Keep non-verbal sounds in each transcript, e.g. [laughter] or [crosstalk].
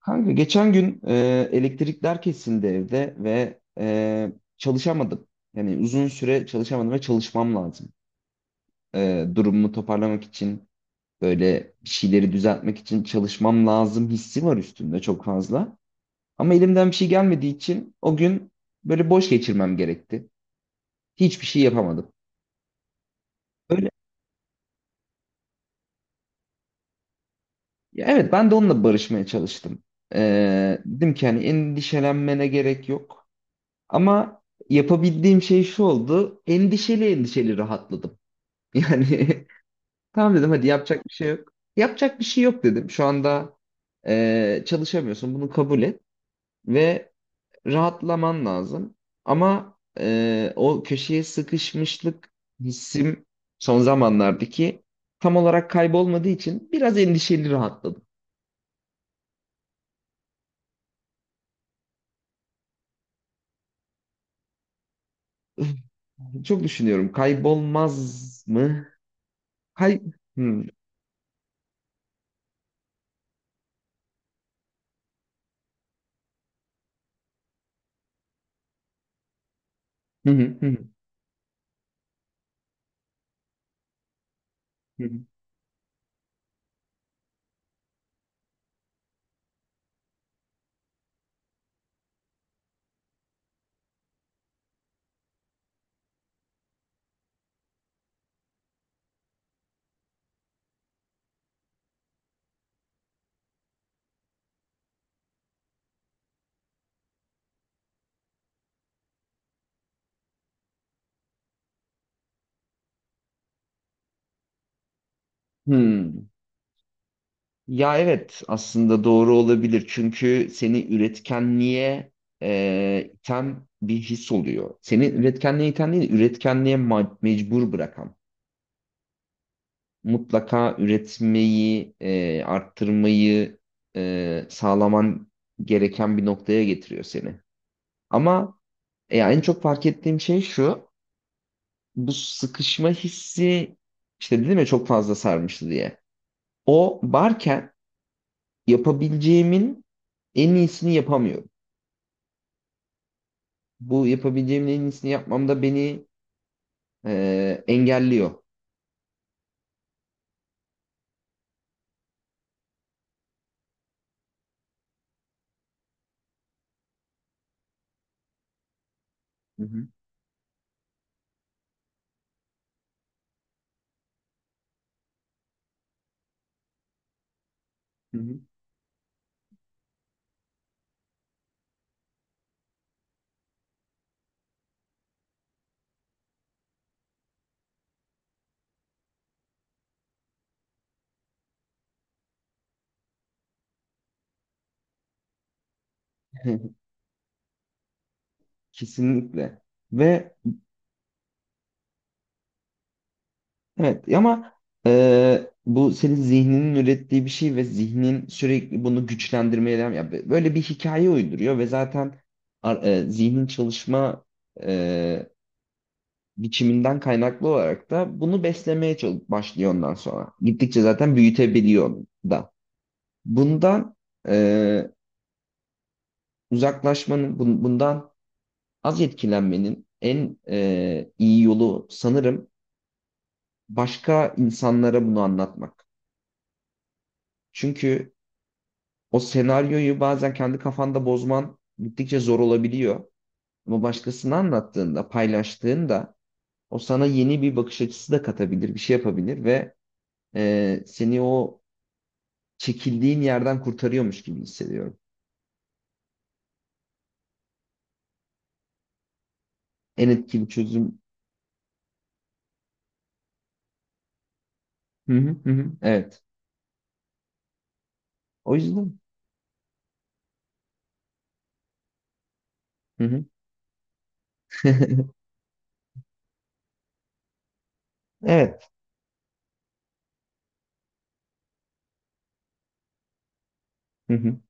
Kanka geçen gün elektrikler kesildi evde ve çalışamadım. Yani uzun süre çalışamadım ve çalışmam lazım. Durumumu toparlamak için böyle bir şeyleri düzeltmek için çalışmam lazım hissi var üstümde çok fazla. Ama elimden bir şey gelmediği için o gün böyle boş geçirmem gerekti. Hiçbir şey yapamadım. Böyle, ya evet ben de onunla barışmaya çalıştım. E, Dedim ki hani endişelenmene gerek yok. Ama yapabildiğim şey şu oldu. Endişeli endişeli rahatladım. [laughs] Yani tamam dedim hadi yapacak bir şey yok. Yapacak bir şey yok dedim. Şu anda çalışamıyorsun bunu kabul et ve rahatlaman lazım. Ama o köşeye sıkışmışlık hissim son zamanlardaki tam olarak kaybolmadığı için biraz endişeli rahatladım. [laughs] Üf, çok düşünüyorum kaybolmaz mı? Kay... Hmm. Hı hı hı hı. Hı. Hmm. Ya evet aslında doğru olabilir çünkü seni üretkenliğe iten bir his oluyor. Seni üretkenliğe iten değil, üretkenliğe mecbur bırakan. Mutlaka üretmeyi, arttırmayı sağlaman gereken bir noktaya getiriyor seni. Ama en çok fark ettiğim şey şu, bu sıkışma hissi işte dedim ya çok fazla sarmıştı diye. O varken yapabileceğimin en iyisini yapamıyorum. Bu yapabileceğimin en iyisini yapmamda beni engelliyor. Hı hı. Hı hı. [laughs] Kesinlikle. Ve evet ama bu senin zihninin ürettiği bir şey ve zihnin sürekli bunu güçlendirmeye devam ya böyle bir hikaye uyduruyor ve zaten zihnin çalışma e, biçiminden kaynaklı olarak da bunu beslemeye başlıyor ondan sonra. Gittikçe zaten büyütebiliyor da. Bundan e, uzaklaşmanın bundan az etkilenmenin en iyi yolu sanırım başka insanlara bunu anlatmak. Çünkü o senaryoyu bazen kendi kafanda bozman gittikçe zor olabiliyor. Ama başkasına anlattığında, paylaştığında o sana yeni bir bakış açısı da katabilir, bir şey yapabilir ve seni o çekildiğin yerden kurtarıyormuş gibi hissediyorum. En etkili çözüm. Hı hı hı. Hı. Evet. O yüzden. Hı hı. [laughs] Evet. Hı hı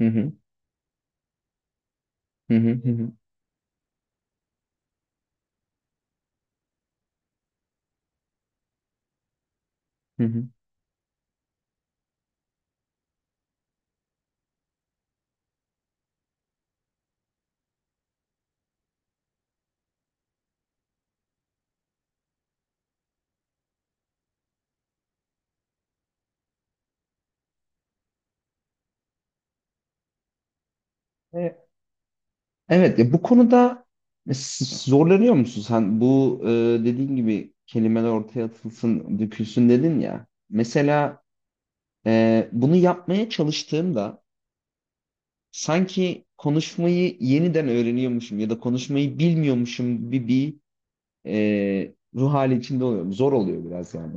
hı hı hı hı hı. Hı hı. Evet. Evet ya bu konuda s- zorlanıyor musun sen? Bu dediğin gibi kelimeler ortaya atılsın, dökülsün dedin ya. Mesela bunu yapmaya çalıştığımda sanki konuşmayı yeniden öğreniyormuşum ya da konuşmayı bilmiyormuşum gibi bir ruh hali içinde oluyorum. Zor oluyor biraz yani.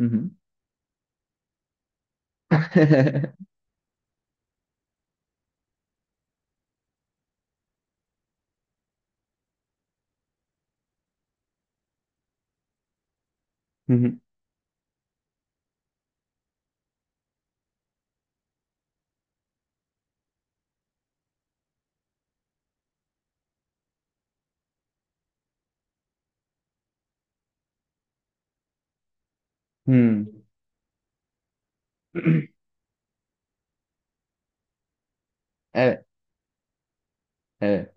Hı hı. [laughs] Hı hı. Hı. Evet, evet.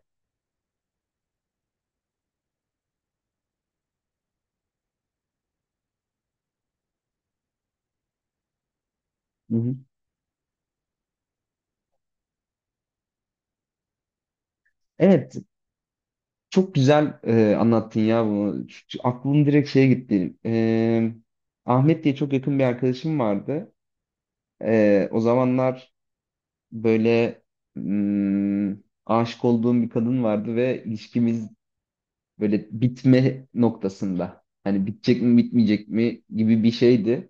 Hı hı. Evet, çok güzel anlattın ya bunu. Aklım direkt şeye gitti. Ahmet diye çok yakın bir arkadaşım vardı. O zamanlar böyle hmm, aşık olduğum bir kadın vardı ve ilişkimiz böyle bitme noktasında. Hani bitecek mi bitmeyecek mi gibi bir şeydi.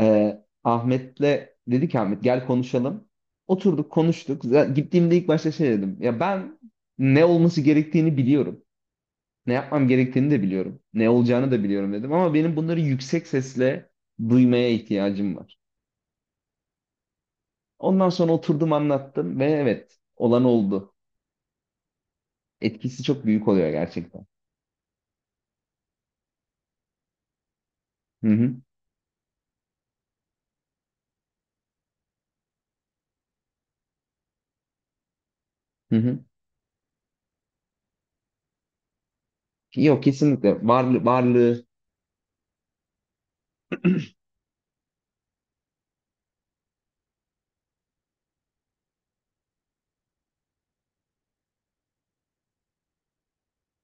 E, Ahmet'le dedi ki Ahmet gel konuşalım. Oturduk konuştuk. Gittiğimde ilk başta şey dedim. Ya ben ne olması gerektiğini biliyorum. Ne yapmam gerektiğini de biliyorum. Ne olacağını da biliyorum dedim ama benim bunları yüksek sesle duymaya ihtiyacım var. Ondan sonra oturdum anlattım ve evet olan oldu. Etkisi çok büyük oluyor gerçekten. Hı hı. Hı hı. Yok kesinlikle varlığı varlığı.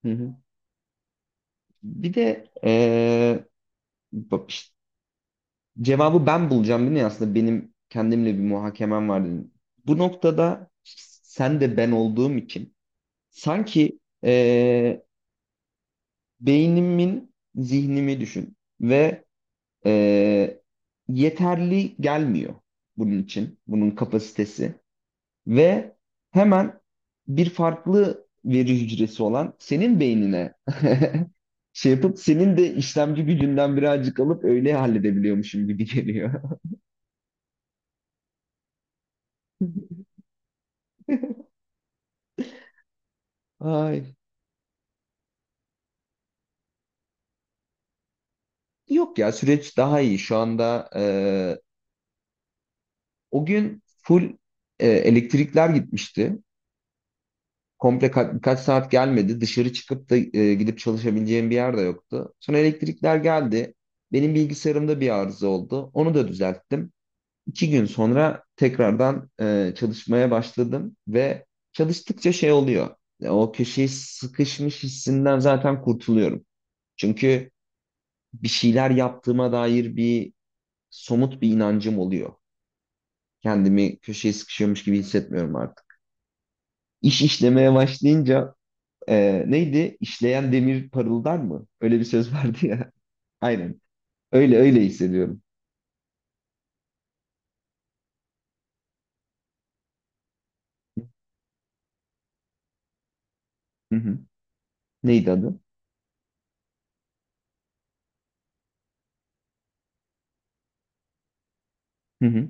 Hı hı. Bir de bak işte, cevabı ben bulacağım değil mi aslında benim kendimle bir muhakemem var dedim. Bu noktada sen de ben olduğum için sanki beynimin zihnimi düşün ve e, yeterli gelmiyor bunun için bunun kapasitesi ve hemen bir farklı veri hücresi olan senin beynine [laughs] şey yapıp senin de işlemci gücünden birazcık alıp öyle halledebiliyormuşum gibi geliyor. [laughs] Ay. Yok ya süreç daha iyi. Şu anda o gün full elektrikler gitmişti. Komple birkaç saat gelmedi. Dışarı çıkıp da gidip çalışabileceğim bir yer de yoktu. Sonra elektrikler geldi. Benim bilgisayarımda bir arıza oldu. Onu da düzelttim. 2 gün sonra tekrardan çalışmaya başladım ve çalıştıkça şey oluyor. O köşeye sıkışmış hissinden zaten kurtuluyorum. Çünkü bir şeyler yaptığıma dair bir somut bir inancım oluyor. Kendimi köşeye sıkışıyormuş gibi hissetmiyorum artık. İş işlemeye başlayınca. Neydi? İşleyen demir parıldar mı? Öyle bir söz vardı ya. [laughs] Aynen. Öyle öyle hissediyorum. Hı hı. Neydi adı? Hı hı.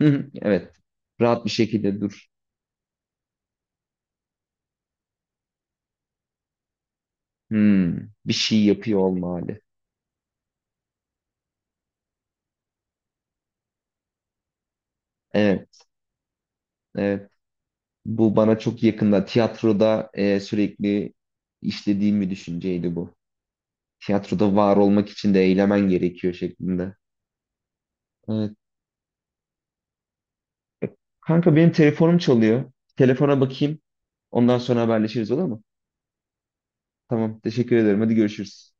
Hı hı. Evet. Rahat bir şekilde dur. Hmm. Bir şey yapıyor olma hali. Evet. Evet. Bu bana çok yakında. Tiyatroda sürekli işlediğim bir düşünceydi bu. Tiyatroda var olmak için de eylemen gerekiyor şeklinde. Evet. Kanka benim telefonum çalıyor. Telefona bakayım. Ondan sonra haberleşiriz olur mu? Tamam. Teşekkür ederim. Hadi görüşürüz.